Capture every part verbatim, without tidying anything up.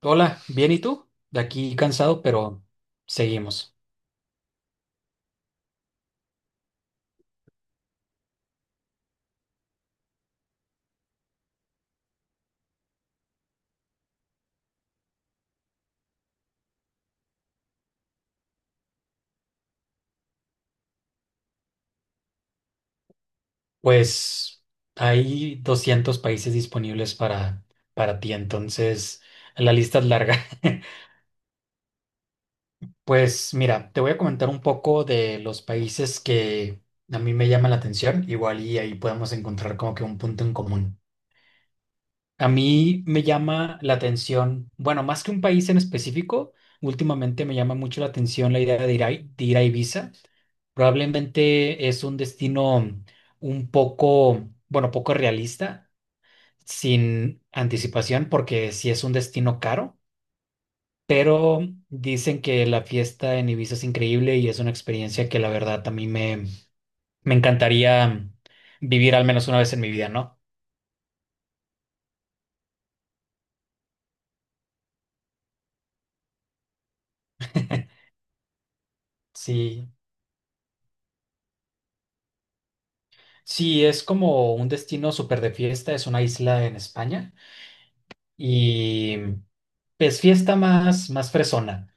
Hola, bien, ¿y tú? De aquí cansado, pero seguimos. Pues hay doscientos países disponibles para, para ti, entonces la lista es larga. Pues mira, te voy a comentar un poco de los países que a mí me llaman la atención, igual y ahí podemos encontrar como que un punto en común. A mí me llama la atención, bueno, más que un país en específico, últimamente me llama mucho la atención la idea de ir a, de ir a Ibiza. Probablemente es un destino un poco, bueno, poco realista, sin anticipación, porque sí es un destino caro, pero dicen que la fiesta en Ibiza es increíble y es una experiencia que la verdad a mí me, me encantaría vivir al menos una vez en mi vida, ¿no? Sí, sí, es como un destino súper de fiesta, es una isla en España y es fiesta más, más fresona.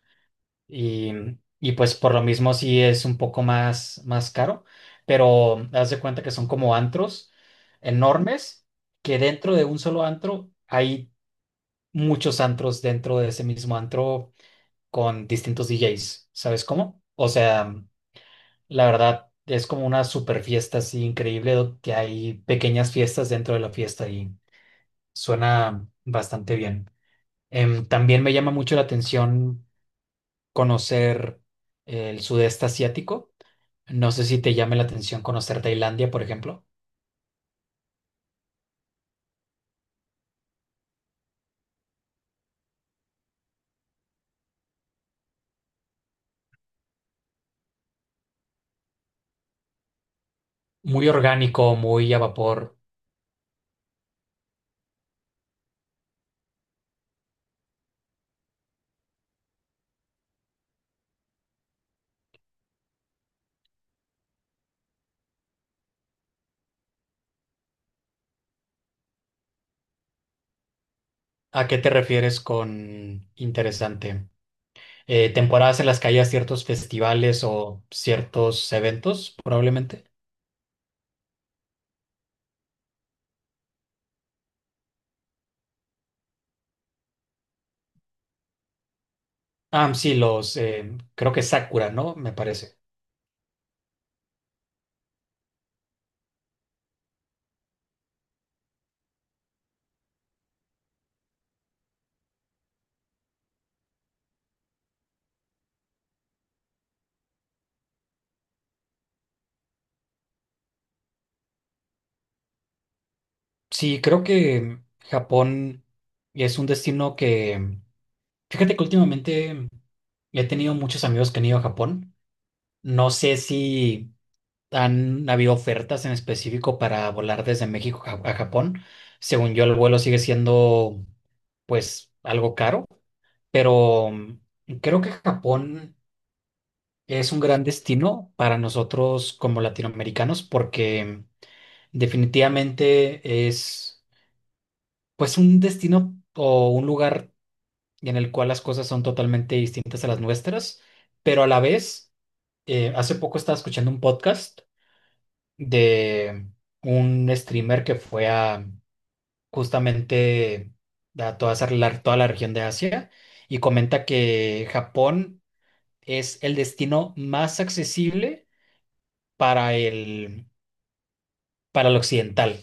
Y, y pues por lo mismo sí es un poco más, más caro, pero haz de cuenta que son como antros enormes, que dentro de un solo antro hay muchos antros dentro de ese mismo antro con distintos D Js, ¿sabes cómo? O sea, la verdad es como una super fiesta así increíble, do- que hay pequeñas fiestas dentro de la fiesta y suena bastante bien. Em, también me llama mucho la atención conocer el sudeste asiático. No sé si te llame la atención conocer Tailandia, por ejemplo. Muy orgánico, muy a vapor. ¿A qué te refieres con interesante? Eh, temporadas en las que haya ciertos festivales o ciertos eventos, probablemente. Ah, sí, los, eh, creo que Sakura, ¿no? Me parece. Sí, creo que Japón es un destino que, fíjate que últimamente he tenido muchos amigos que han ido a Japón. No sé si han habido ofertas en específico para volar desde México a, a Japón. Según yo, el vuelo sigue siendo, pues, algo caro, pero mm, creo que Japón es un gran destino para nosotros como latinoamericanos porque mm, definitivamente es, pues, un destino o un lugar en el cual las cosas son totalmente distintas a las nuestras, pero a la vez, eh, hace poco estaba escuchando un podcast de un streamer que fue a justamente a toda esa, la- toda la región de Asia y comenta que Japón es el destino más accesible para el, para el occidental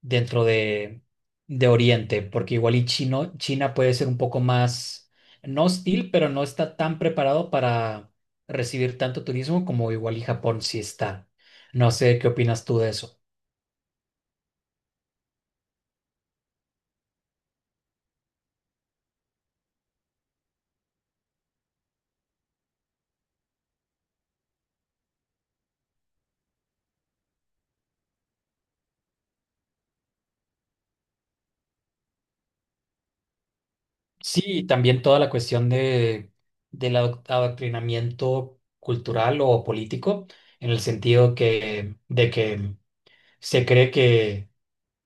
dentro de, de Oriente, porque igual y Chino, China puede ser un poco más, no hostil, pero no está tan preparado para recibir tanto turismo como igual y Japón sí está. No sé qué opinas tú de eso. Sí, y también toda la cuestión de, del adoc- adoctrinamiento cultural o político, en el sentido que, de que se cree que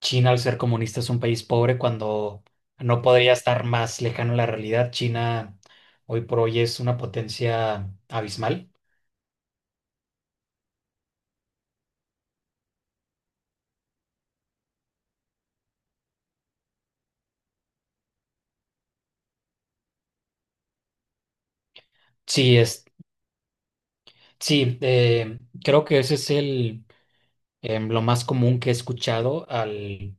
China, al ser comunista, es un país pobre cuando no podría estar más lejano a la realidad. China hoy por hoy es una potencia abismal. Sí, es, sí, eh, creo que ese es el, em, lo más común que he escuchado al,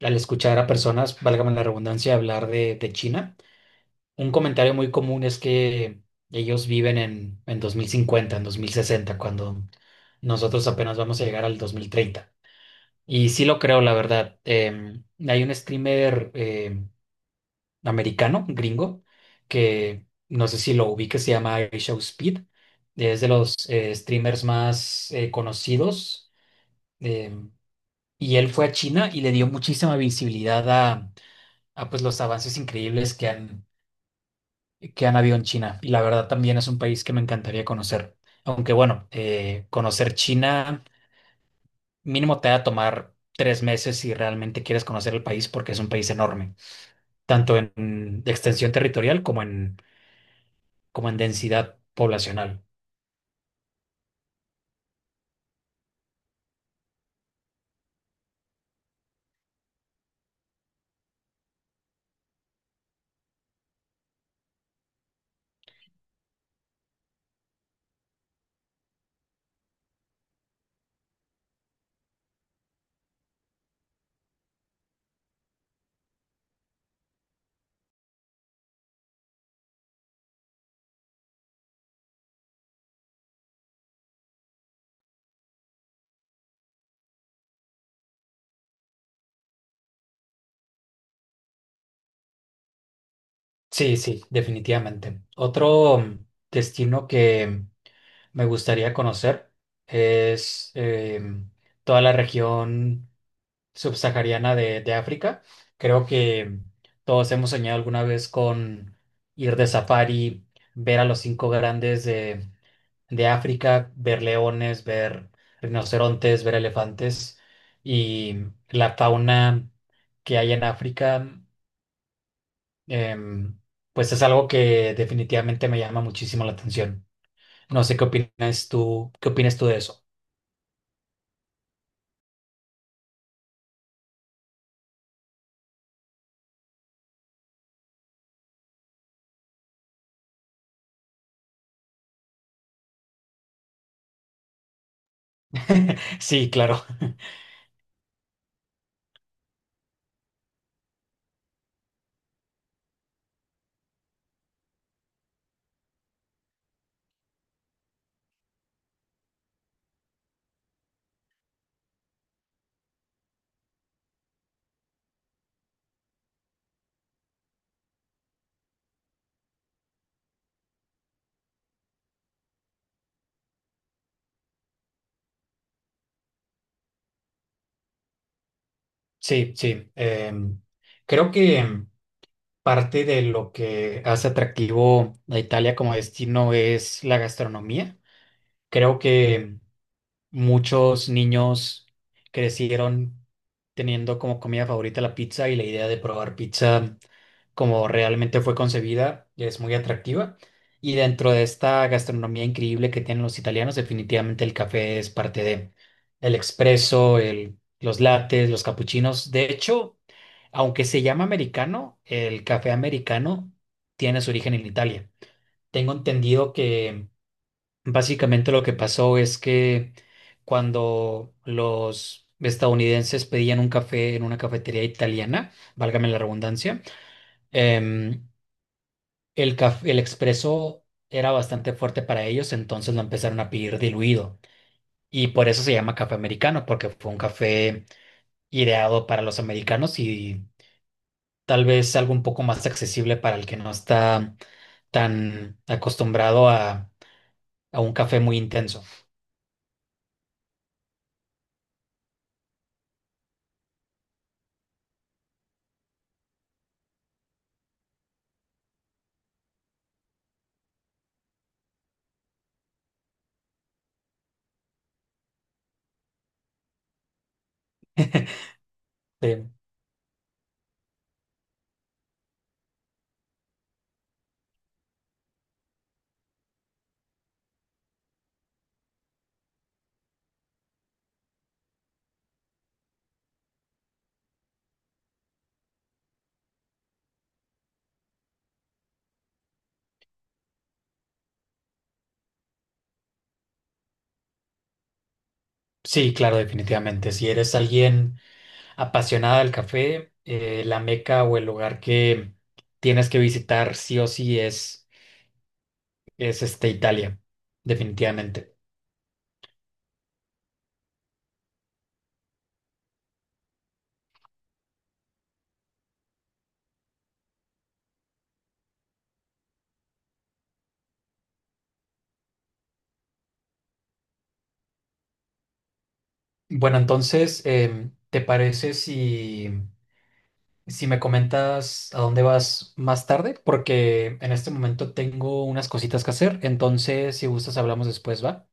al escuchar a personas, válgame la redundancia, hablar de de China. Un comentario muy común es que ellos viven en, en dos mil cincuenta, en dos mil sesenta, cuando nosotros apenas vamos a llegar al dos mil treinta. Y sí lo creo, la verdad. Em, hay un streamer em, americano, gringo, que no sé si lo ubique, se llama Show Speed. Es de los eh, streamers más eh, conocidos. Em, y él fue a China y le dio muchísima visibilidad a, a pues, los avances increíbles que han que han habido en China. Y la verdad también es un país que me encantaría conocer. Aunque bueno, eh, conocer China mínimo te va a tomar tres meses si realmente quieres conocer el país porque es un país enorme, tanto en extensión territorial como en, como en densidad poblacional. Sí, sí, definitivamente. Otro mm, destino que me gustaría conocer es em, toda la región subsahariana de, de África. Creo que todos hemos soñado alguna vez con ir de safari, ver a los cinco grandes de, de África, ver leones, ver rinocerontes, ver elefantes y la fauna que hay en África. Em, pues es algo que definitivamente me llama muchísimo la atención. No sé qué opinas tú, qué opinas tú de eso. Sí, claro. Sí, sí. Em, creo que em, parte de lo que hace atractivo a Italia como destino es la gastronomía. Creo que em, muchos niños crecieron teniendo como comida favorita la pizza y la idea de probar pizza como realmente fue concebida es muy atractiva. Y dentro de esta gastronomía increíble que tienen los italianos, definitivamente el café es parte de el expreso, los lates, los capuchinos. De hecho, aunque se llama americano, el café americano tiene su origen en Italia. Tengo entendido que básicamente lo que pasó es que cuando los estadounidenses pedían un café en una cafetería italiana, válgame la redundancia, em, el caf- el expreso era bastante fuerte para ellos, entonces lo empezaron a pedir diluido. Y por eso se llama café americano, porque fue un café ideado para los americanos y tal vez algo un poco más accesible para el que no está tan acostumbrado a, a un café muy intenso. Eh, sí, claro, definitivamente. Si eres alguien apasionada del café, eh, la meca o el lugar que tienes que visitar sí o sí es, es este, Italia, definitivamente. Bueno, entonces, em, ¿te parece si... Si me comentas a dónde vas más tarde, porque en este momento tengo unas cositas que hacer, entonces si gustas hablamos después, ¿va?